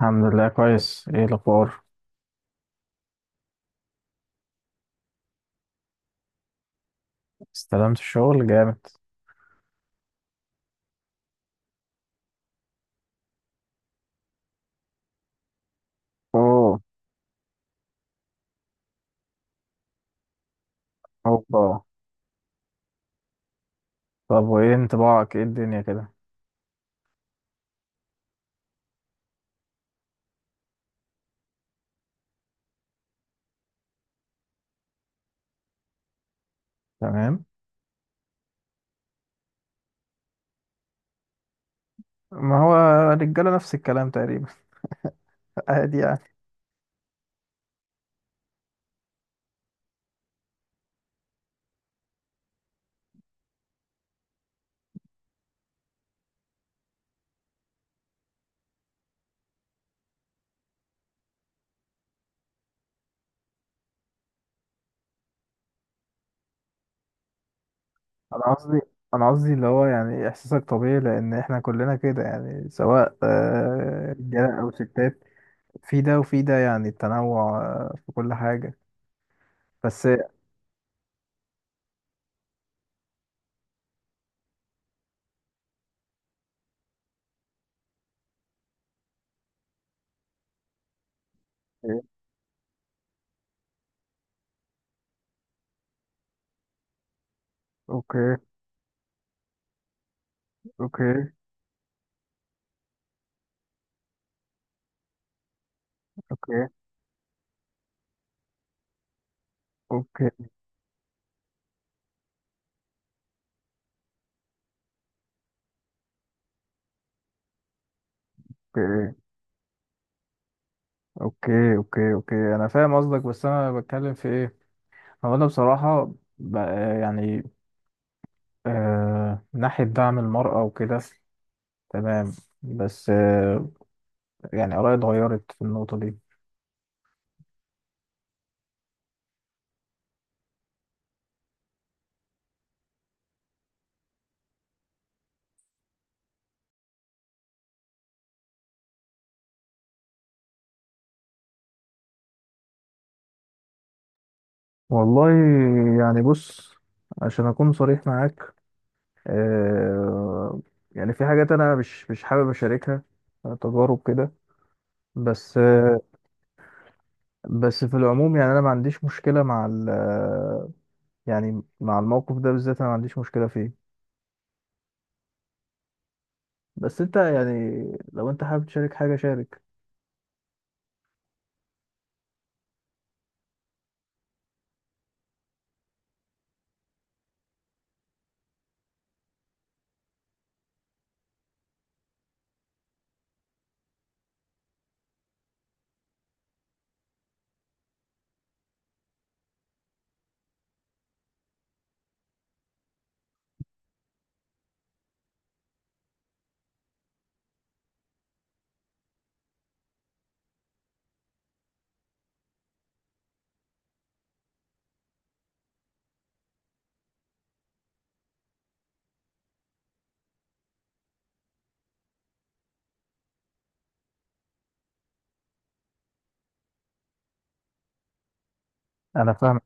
الحمد لله كويس. ايه الاخبار؟ استلمت الشغل جامد. اوه. اوبا. طب وايه انطباعك؟ ايه الدنيا كده؟ تمام. ما هو الرجاله نفس الكلام تقريبا. عادي يعني. انا قصدي انا قصدي اللي هو يعني احساسك طبيعي لان احنا كلنا كده، يعني سواء رجاله او ستات. في ده وفي ده، يعني التنوع في كل حاجه. بس. اوكي، اوكي، اوكي، اوكي، اوكي، اوكي، اوكي، اوكي، انا فاهم قصدك. بس انا بتكلم في ايه؟ هو أنا بصراحة بقى، يعني آه، من ناحية دعم المرأة وكده، تمام، بس آه، يعني آرائي اتغيرت في النقطة دي. والله يعني بص، عشان أكون صريح معاك آه، يعني في حاجات أنا مش حابب أشاركها، تجارب كده. بس آه، بس في العموم يعني أنا ما عنديش مشكلة مع ال آه، يعني مع الموقف ده بالذات أنا ما عنديش مشكلة فيه. بس أنت يعني لو أنت حابب تشارك حاجة شارك. أنا فاهم.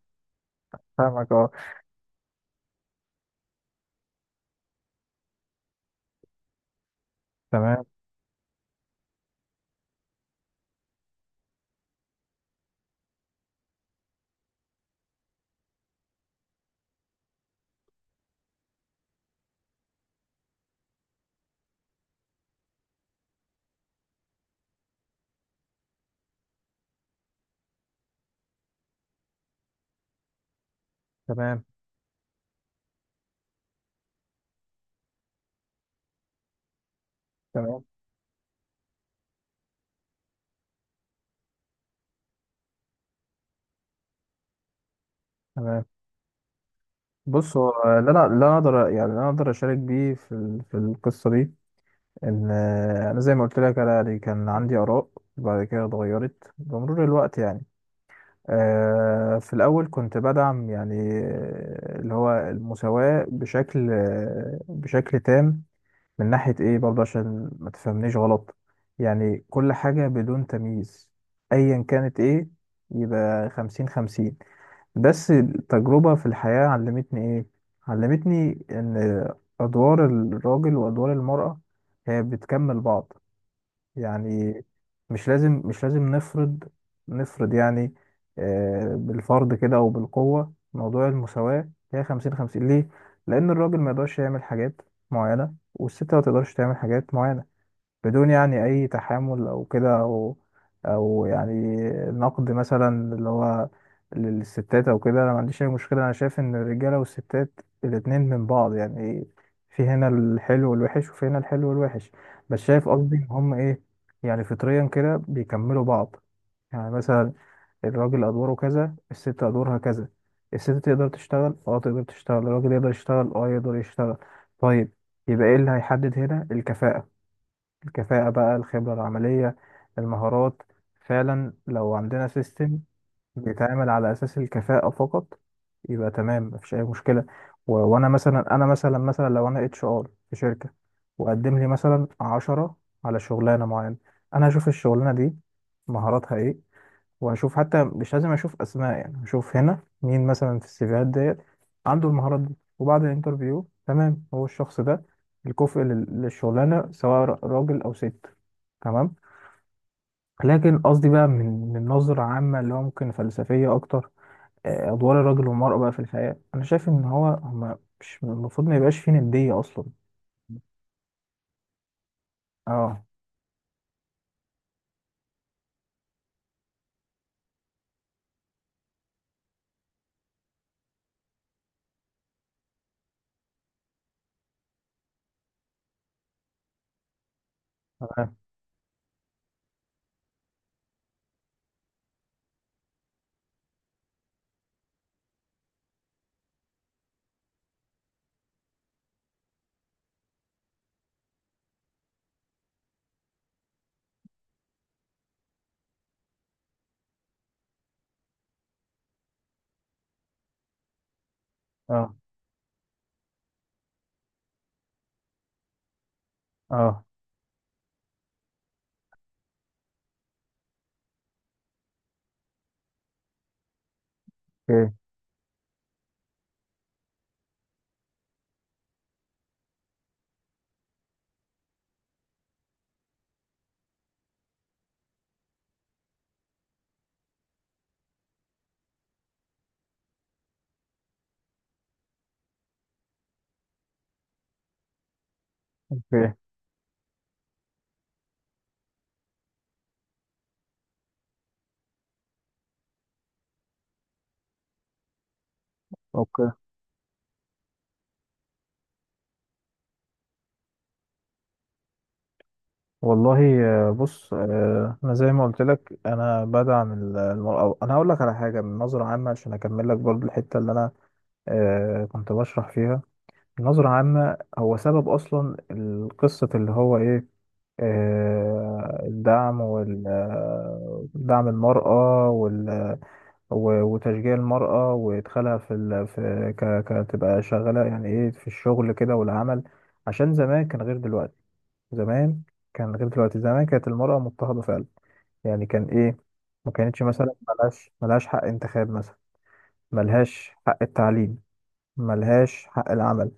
فاهمك. تمام، تمام، تمام، تمام. بص هو اللي انا اللي انا اقدر يعني اللي انا اقدر اشارك بيه في في القصه دي ان انا زي ما قلت لك، انا يعني كان عندي اراء وبعد كده اتغيرت بمرور الوقت. يعني في الاول كنت بدعم يعني اللي هو المساواه بشكل بشكل تام، من ناحيه ايه برضه عشان ما تفهمنيش غلط، يعني كل حاجه بدون تمييز ايا كانت ايه، يبقى خمسين خمسين. بس التجربة في الحياة علمتني إيه؟ علمتني إن أدوار الراجل وأدوار المرأة هي بتكمل بعض، يعني مش لازم نفرض، نفرض يعني بالفرض كده أو بالقوة موضوع المساواة هي خمسين خمسين ليه؟ لأن الراجل ما يقدرش يعمل حاجات معينة والست ما تقدرش تعمل حاجات معينة، بدون يعني أي تحامل أو كده، أو أو يعني نقد مثلا اللي هو للستات أو كده. أنا ما عنديش أي مشكلة، أنا شايف إن الرجالة والستات الاتنين من بعض، يعني في هنا الحلو والوحش وفي هنا الحلو والوحش. بس شايف قصدي إن هم إيه، يعني فطريا كده بيكملوا بعض. يعني مثلا الراجل أدواره كذا، الست أدوارها كذا. الست تقدر تشتغل، اه تقدر تشتغل، الراجل يقدر يشتغل، اه يقدر يشتغل. طيب يبقى ايه اللي هيحدد هنا؟ الكفاءة. الكفاءة بقى، الخبرة العملية، المهارات. فعلا لو عندنا سيستم بيتعامل على أساس الكفاءة فقط، يبقى تمام مفيش أي مشكلة. و... وأنا مثلا، أنا مثلا لو أنا اتش ار في شركة، وقدم لي مثلا عشرة على شغلانة معينة، أنا هشوف الشغلانة دي مهاراتها إيه، وهشوف، حتى مش لازم اشوف اسماء، يعني هشوف هنا مين مثلا في السيفيهات ديت عنده المهارات دي، وبعد الانترفيو تمام هو الشخص ده الكفء للشغلانه، سواء راجل او ست. تمام. لكن قصدي بقى من من نظره عامه اللي هو ممكن فلسفيه اكتر، ادوار الراجل والمراه بقى في الحياه، انا شايف ان هو هما مش المفروض ما يبقاش فيه نديه اصلا. اه. تمام. اه. اه. اوكي، اوكي، اوكي. والله بص، انا زي ما قلت لك انا بدعم المرأة. انا هقول لك على حاجه من نظره عامه عشان اكمل لك برضو الحته اللي انا كنت بشرح فيها. نظره عامه هو سبب اصلا القصه اللي هو ايه؟ الدعم وال آه، دعم المرأة وال وتشجيع المرأة، وإدخالها في ال... في ك... كتبقى شغالة يعني إيه، في الشغل كده والعمل. عشان زمان كان غير دلوقتي. زمان كان غير دلوقتي، زمان كانت المرأة مضطهدة فعلا، يعني كان إيه، ما كانتش مثلا، ملهاش حق انتخاب مثلا، ملهاش حق التعليم، ملهاش حق العمل.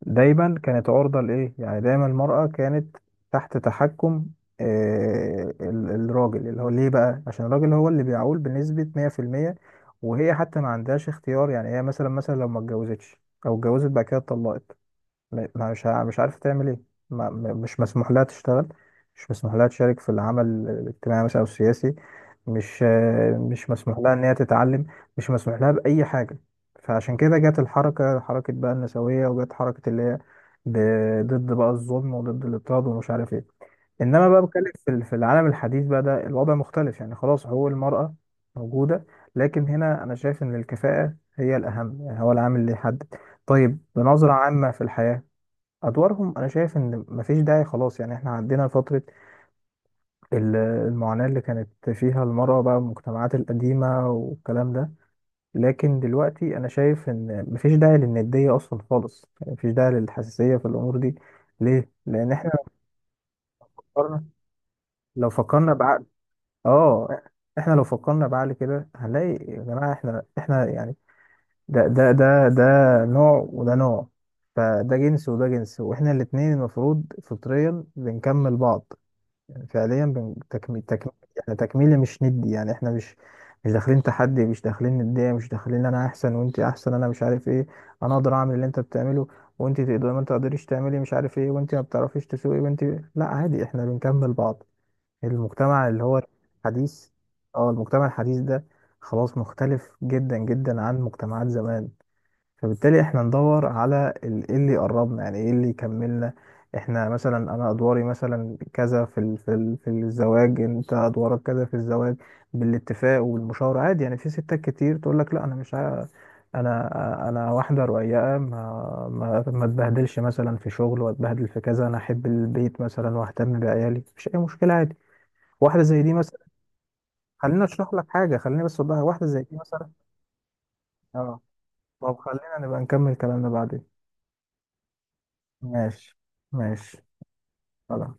دايما كانت عرضة لإيه، يعني دايما المرأة كانت تحت تحكم الراجل، اللي هو ليه بقى؟ عشان الراجل هو اللي بيعول بنسبة 100%، وهي حتى ما عندهاش اختيار، يعني هي مثلا، مثلا لو ما اتجوزتش، أو اتجوزت بعد كده اتطلقت، م- ما مش ع- مش عارفة تعمل ايه، ما م- مش مسموح لها تشتغل، مش مسموح لها تشارك في العمل الاجتماعي مثلا او السياسي، مش مش مسموح لها ان هي تتعلم، مش مسموح لها بأي حاجة. فعشان كده جت الحركة، حركة بقى النسوية، وجت حركة اللي هي ضد بقى الظلم وضد الاضطهاد ومش عارف ايه. انما بقى بتكلم في في العالم الحديث بقى ده الوضع مختلف، يعني خلاص حقوق المرأة موجودة، لكن هنا انا شايف ان الكفاءة هي الاهم، يعني هو العامل اللي يحدد. طيب بنظرة عامة في الحياة، ادوارهم انا شايف ان مفيش داعي خلاص، يعني احنا عدينا فترة المعاناة اللي كانت فيها المرأة بقى، المجتمعات القديمة والكلام ده. لكن دلوقتي انا شايف ان مفيش داعي للندية اصلا خالص، يعني مفيش داعي للحساسية في الامور دي. ليه؟ لان احنا لو فكرنا، لو فكرنا بعقل، اه احنا لو فكرنا بعقل كده هنلاقي، يا جماعة احنا احنا يعني ده نوع وده نوع، فده جنس وده جنس، واحنا الاتنين المفروض فطريا بنكمل بعض، فعليا تكميل يعني، تكميلي مش ندي، يعني احنا مش، مش داخلين تحدي، مش داخلين ندية، مش داخلين انا احسن وانت احسن انا مش عارف ايه. انا اقدر اعمل اللي انت بتعمله، وانت تقدر، ما تقدريش تعملي مش عارف ايه، وانت ما بتعرفيش تسوقي، وانت، لا عادي احنا بنكمل بعض. المجتمع اللي هو الحديث، اه المجتمع الحديث ده خلاص مختلف جدا جدا عن مجتمعات زمان. فبالتالي احنا ندور على ايه اللي يقربنا، يعني ايه اللي يكملنا. احنا مثلا، انا ادواري مثلا كذا في في الزواج، انت ادوارك كذا في الزواج، بالاتفاق والمشاورة عادي. يعني في ستات كتير تقول لك لا، انا مش عا- انا انا واحدة رقيقة، ما اتبهدلش مثلا في شغل واتبهدل في كذا، انا احب البيت مثلا واهتم بعيالي، مفيش اي مشكلة عادي، واحدة زي دي مثلا. خليني اشرح لك حاجة، خليني بس اوضحها، واحدة زي دي مثلا. اه. طب خلينا نبقى نكمل كلامنا بعدين. ماشي، ماشي. خلاص.